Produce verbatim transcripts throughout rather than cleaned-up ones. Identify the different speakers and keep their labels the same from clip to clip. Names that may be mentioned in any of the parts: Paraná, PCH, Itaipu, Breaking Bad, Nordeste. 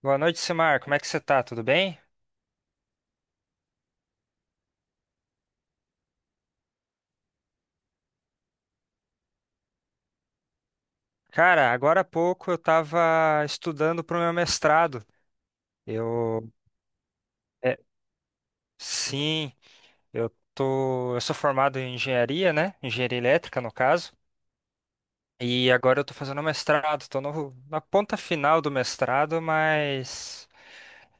Speaker 1: Boa noite, Simar. Como é que você tá? Tudo bem? Cara, agora há pouco eu tava estudando pro meu mestrado. Eu, é, sim, eu tô, eu sou formado em engenharia, né? Engenharia elétrica, no caso. E agora eu tô fazendo mestrado. Tô no, na ponta final do mestrado, mas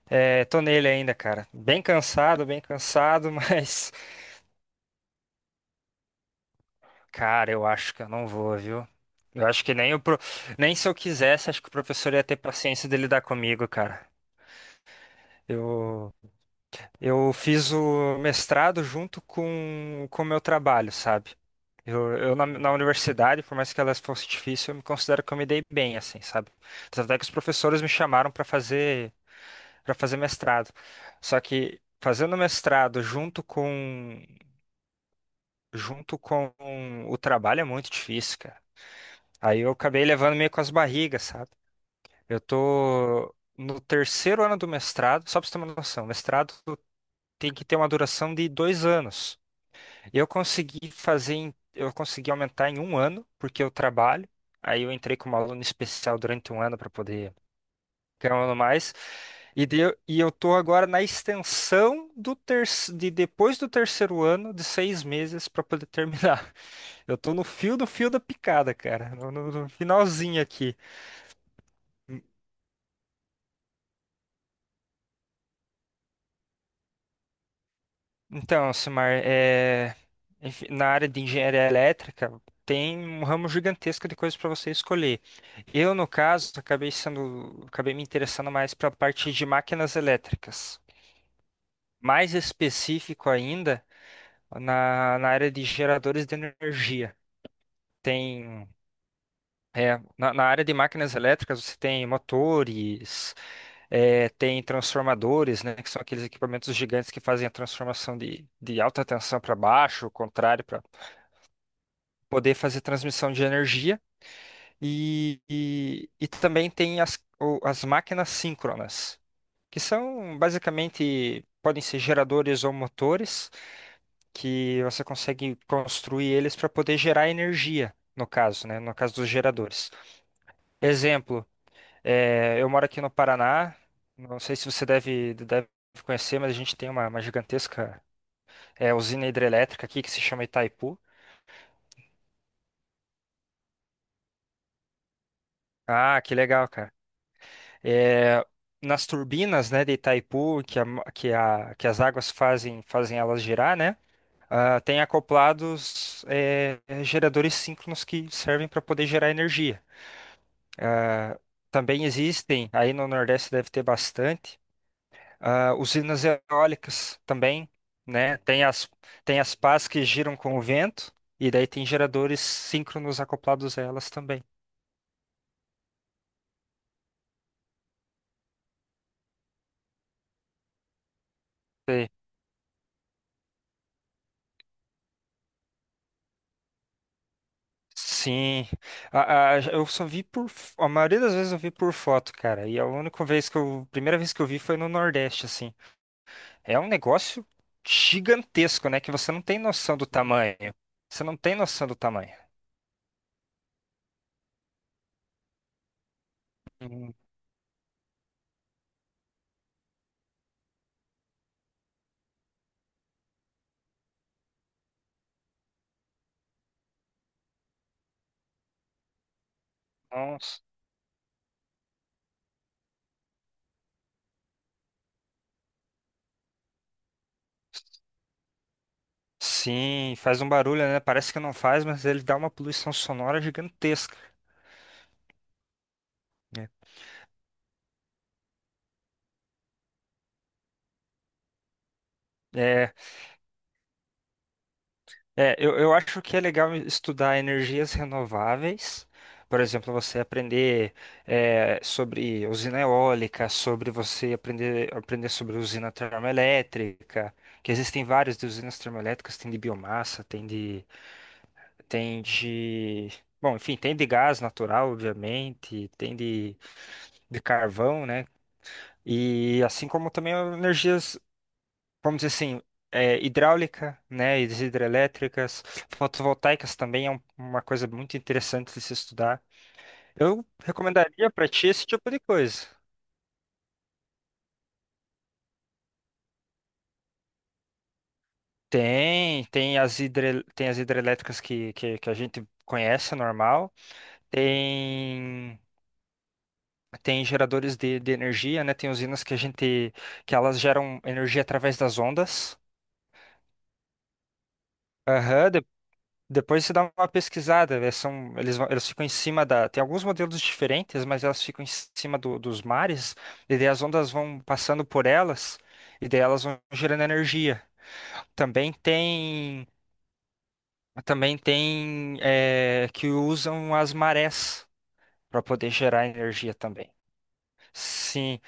Speaker 1: é, tô nele ainda, cara. Bem cansado, bem cansado, mas, cara, eu acho que eu não vou, viu? Eu acho que nem o pro- nem se eu quisesse, acho que o professor ia ter paciência de lidar comigo, cara. Eu, eu fiz o mestrado junto com com o meu trabalho, sabe? Eu, eu na, na universidade, por mais que elas fosse difícil, eu me considero que eu me dei bem, assim, sabe? Tanto é que os professores me chamaram para fazer para fazer mestrado. Só que fazendo mestrado junto com junto com o trabalho é muito difícil, cara. Aí eu acabei levando meio com as barrigas, sabe? Eu tô no terceiro ano do mestrado, só pra você ter uma noção, mestrado tem que ter uma duração de dois anos. Eu consegui fazer, em- eu consegui aumentar em um ano, porque eu trabalho. Aí eu entrei como aluno especial durante um ano para poder ganhar um ano mais. E, deu, e eu tô agora na extensão do terce- de depois do terceiro ano de seis meses para poder terminar. Eu tô no fio do fio da picada, cara, no, no no finalzinho aqui. Então, Simar, é, enfim, na área de engenharia elétrica tem um ramo gigantesco de coisas para você escolher. Eu, no caso, acabei sendo, acabei me interessando mais para a parte de máquinas elétricas. Mais específico ainda, na, na área de geradores de energia. Tem, é, na, na área de máquinas elétricas, você tem motores, é, tem transformadores, né, que são aqueles equipamentos gigantes que fazem a transformação de, de alta tensão para baixo, o contrário poder fazer transmissão de energia e, e, e também tem as, o- as máquinas síncronas, que são basicamente podem ser geradores ou motores que você consegue construir eles para poder gerar energia, no caso, né? No caso dos geradores. Exemplo, eh, eu moro aqui no Paraná, não sei se você deve, deve conhecer, mas a gente tem uma, uma gigantesca eh, usina hidrelétrica aqui que se chama Itaipu. Ah, que legal, cara. É, nas turbinas, né, de Itaipu, que, a, que, a, que as águas fazem, fazem elas girar, né, ah, tem acoplados é, geradores síncronos que servem para poder gerar energia. Ah, também existem, aí no Nordeste deve ter bastante, ah, usinas eólicas também, né, tem as, tem as pás que giram com o vento, e daí tem geradores síncronos acoplados a elas também. Sim, a, a- eu só vi por. f- A maioria das vezes eu vi por foto, cara. E a única vez que eu. Primeira vez que eu vi foi no Nordeste, assim. É um negócio gigantesco, né? Que você não tem noção do tamanho. Você não tem noção do tamanho. Hum. Nossa. Sim, faz um barulho, né? Parece que não faz, mas ele dá uma poluição sonora gigantesca, né? É. É, eu, eu acho que é legal estudar energias renováveis. Por exemplo, você aprender é, sobre usina eólica, sobre você aprender, aprender sobre usina termoelétrica, que existem várias de usinas termoelétricas, tem de biomassa, tem de, tem de, bom, enfim, tem de gás natural, obviamente, tem de, de carvão, né? E assim como também energias, vamos dizer assim, é, hidráulica, né, e das hidrelétricas, fotovoltaicas também é um- uma coisa muito interessante de se estudar. Eu recomendaria para ti esse tipo de coisa. Tem, tem as hidre, tem as hidrelétricas que, que, que a gente conhece, normal. Tem tem geradores de, de energia, né? Tem usinas que a gente que elas geram energia através das ondas. Aham. Depois você dá uma pesquisada, elas são, eles, vão- elas ficam em cima da. Tem alguns modelos diferentes, mas elas ficam em cima do- dos mares, e daí as ondas vão passando por elas, e daí elas vão gerando energia. Também tem, também tem é, que usam as marés para poder gerar energia também. Sim.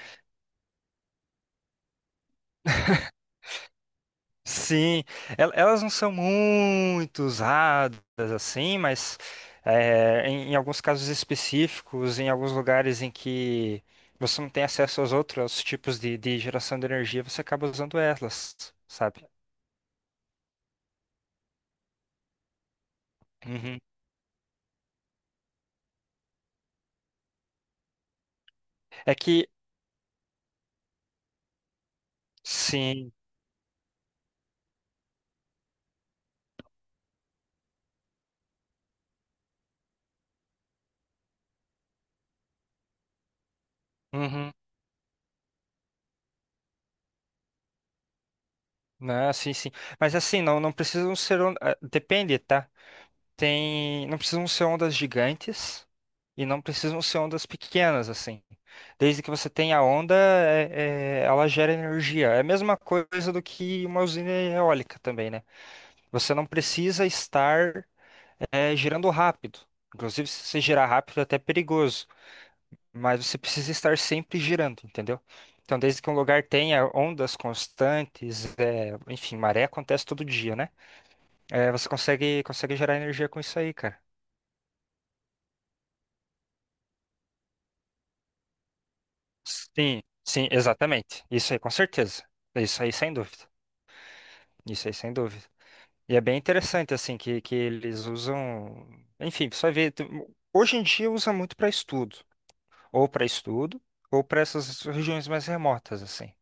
Speaker 1: Sim, el- elas não são muito usadas assim, mas é, em, em alguns casos específicos, em alguns lugares em que você não tem acesso aos outros tipos de, de geração de energia, você acaba usando elas, sabe? Uhum. É que, sim, uhum, né, sim, sim. Mas assim, não, não precisam ser, un- eh, depende, tá? Tem, não precisam ser ondas gigantes e não precisam ser ondas pequenas, assim. Desde que você tenha a onda, é- é, ela gera energia. É a mesma coisa do que uma usina eólica também, né? Você não precisa estar é, girando rápido. Inclusive, se você girar rápido, é até perigoso. Mas você precisa estar sempre girando, entendeu? Então, desde que um lugar tenha ondas constantes, é, enfim, maré acontece todo dia, né? É, você consegue, consegue gerar energia com isso aí, cara. Sim, sim, exatamente. Isso aí, com certeza. Isso aí, sem dúvida. Isso aí, sem dúvida. E é bem interessante, assim, que, que eles usam. Enfim, você vai ver. tu- Hoje em dia usa muito para estudo. Ou para estudo, ou para essas regiões mais remotas, assim.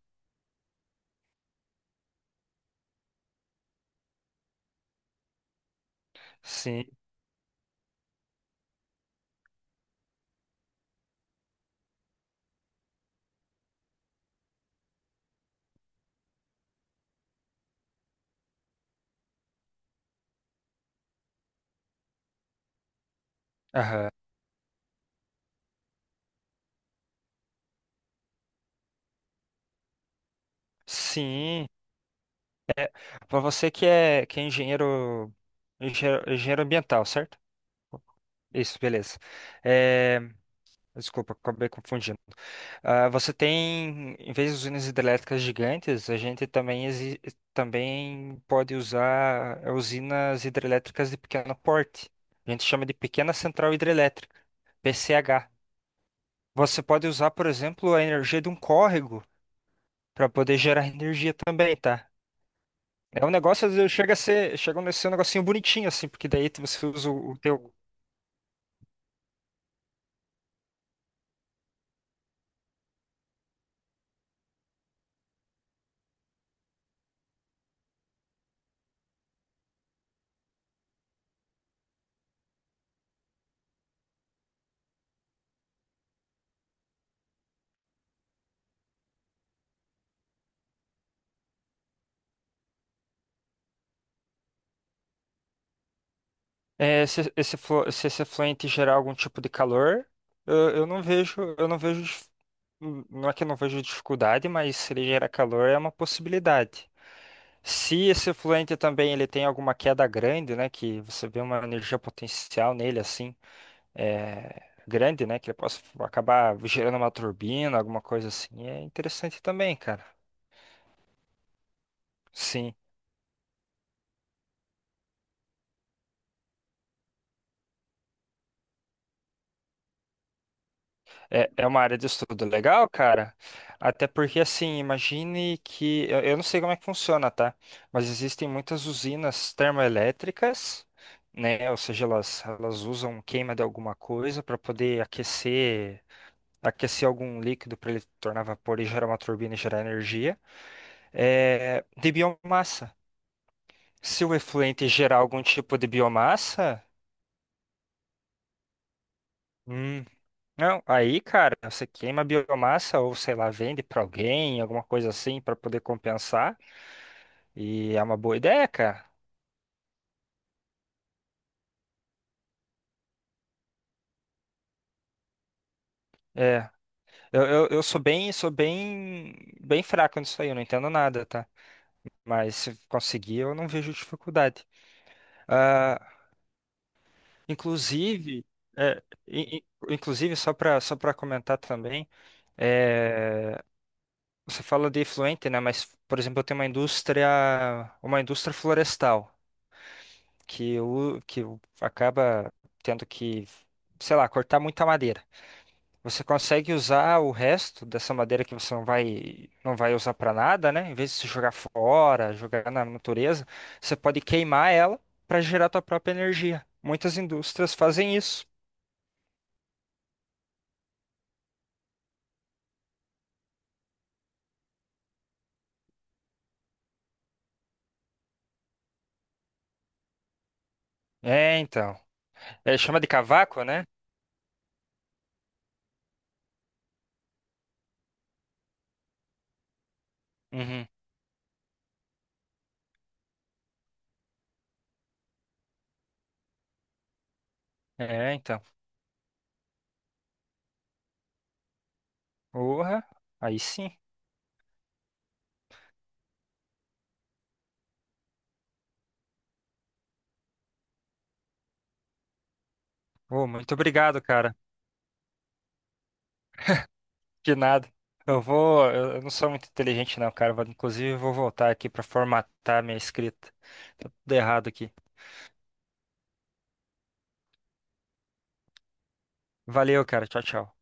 Speaker 1: Sim. Aham. Sim. Para você que é, que é engenheiro, engenheiro, engenheiro ambiental, certo? Isso, beleza. É, desculpa, acabei confundindo. Ah, você tem, em vez de usinas hidrelétricas gigantes, a gente também, exi- também pode usar, eh, usinas hidrelétricas de pequeno porte. A gente chama de pequena central hidrelétrica, P C H. Você pode usar, por exemplo, a energia de um córrego para poder gerar energia também, tá? É um negócio, chega a ser, chega a ser um negocinho bonitinho, assim, porque daí você usa o o teu. É, se esse, flu- se esse fluente gerar algum tipo de calor, eu, eu não vejo, eu não vejo, dif- não é que eu não vejo dificuldade, mas se ele gera calor é uma possibilidade. Se esse fluente também ele tem alguma queda grande, né, que você vê uma energia potencial nele assim, é, grande, né, que ele possa acabar gerando uma turbina, alguma coisa assim, é interessante também, cara. Sim. É, é uma área de estudo legal, cara. Até porque, assim, imagine que. Eu, eu não sei como é que funciona, tá? Mas existem muitas usinas termoelétricas, né? Ou seja, elas, elas usam queima de alguma coisa para poder aquecer, aquecer algum líquido para ele tornar vapor e gerar uma turbina e gerar energia. É, de biomassa. Se o efluente gerar algum tipo de biomassa. Hum. Não, aí, cara, você queima a biomassa ou sei lá, vende pra alguém, alguma coisa assim, pra poder compensar. E é uma boa ideia, cara. É, eu, eu, eu sou bem, sou bem, bem fraco nisso aí, eu não entendo nada, tá? Mas se conseguir, eu não vejo dificuldade. Ah, inclusive, é, in- in- inclusive só para, só para comentar também, é, você fala de efluente, né? Mas, por exemplo, eu tenho uma indústria, uma indústria florestal, que o que o- acaba tendo que, sei lá, cortar muita madeira. Você consegue usar o resto dessa madeira que você não vai não vai usar para nada, né? Em vez de se jogar fora, jogar na natureza, você pode queimar ela para gerar tua própria energia. Muitas indústrias fazem isso. É, então. É, chama de cavaco, né? Uhum. É, então. Porra, aí sim. Ô, muito obrigado, cara. De nada. Eu vou. Eu eu não sou muito inteligente, não, cara. Vou- Inclusive, eu vou voltar aqui pra formatar minha escrita. Tá tudo errado aqui. Valeu, cara. Tchau, tchau.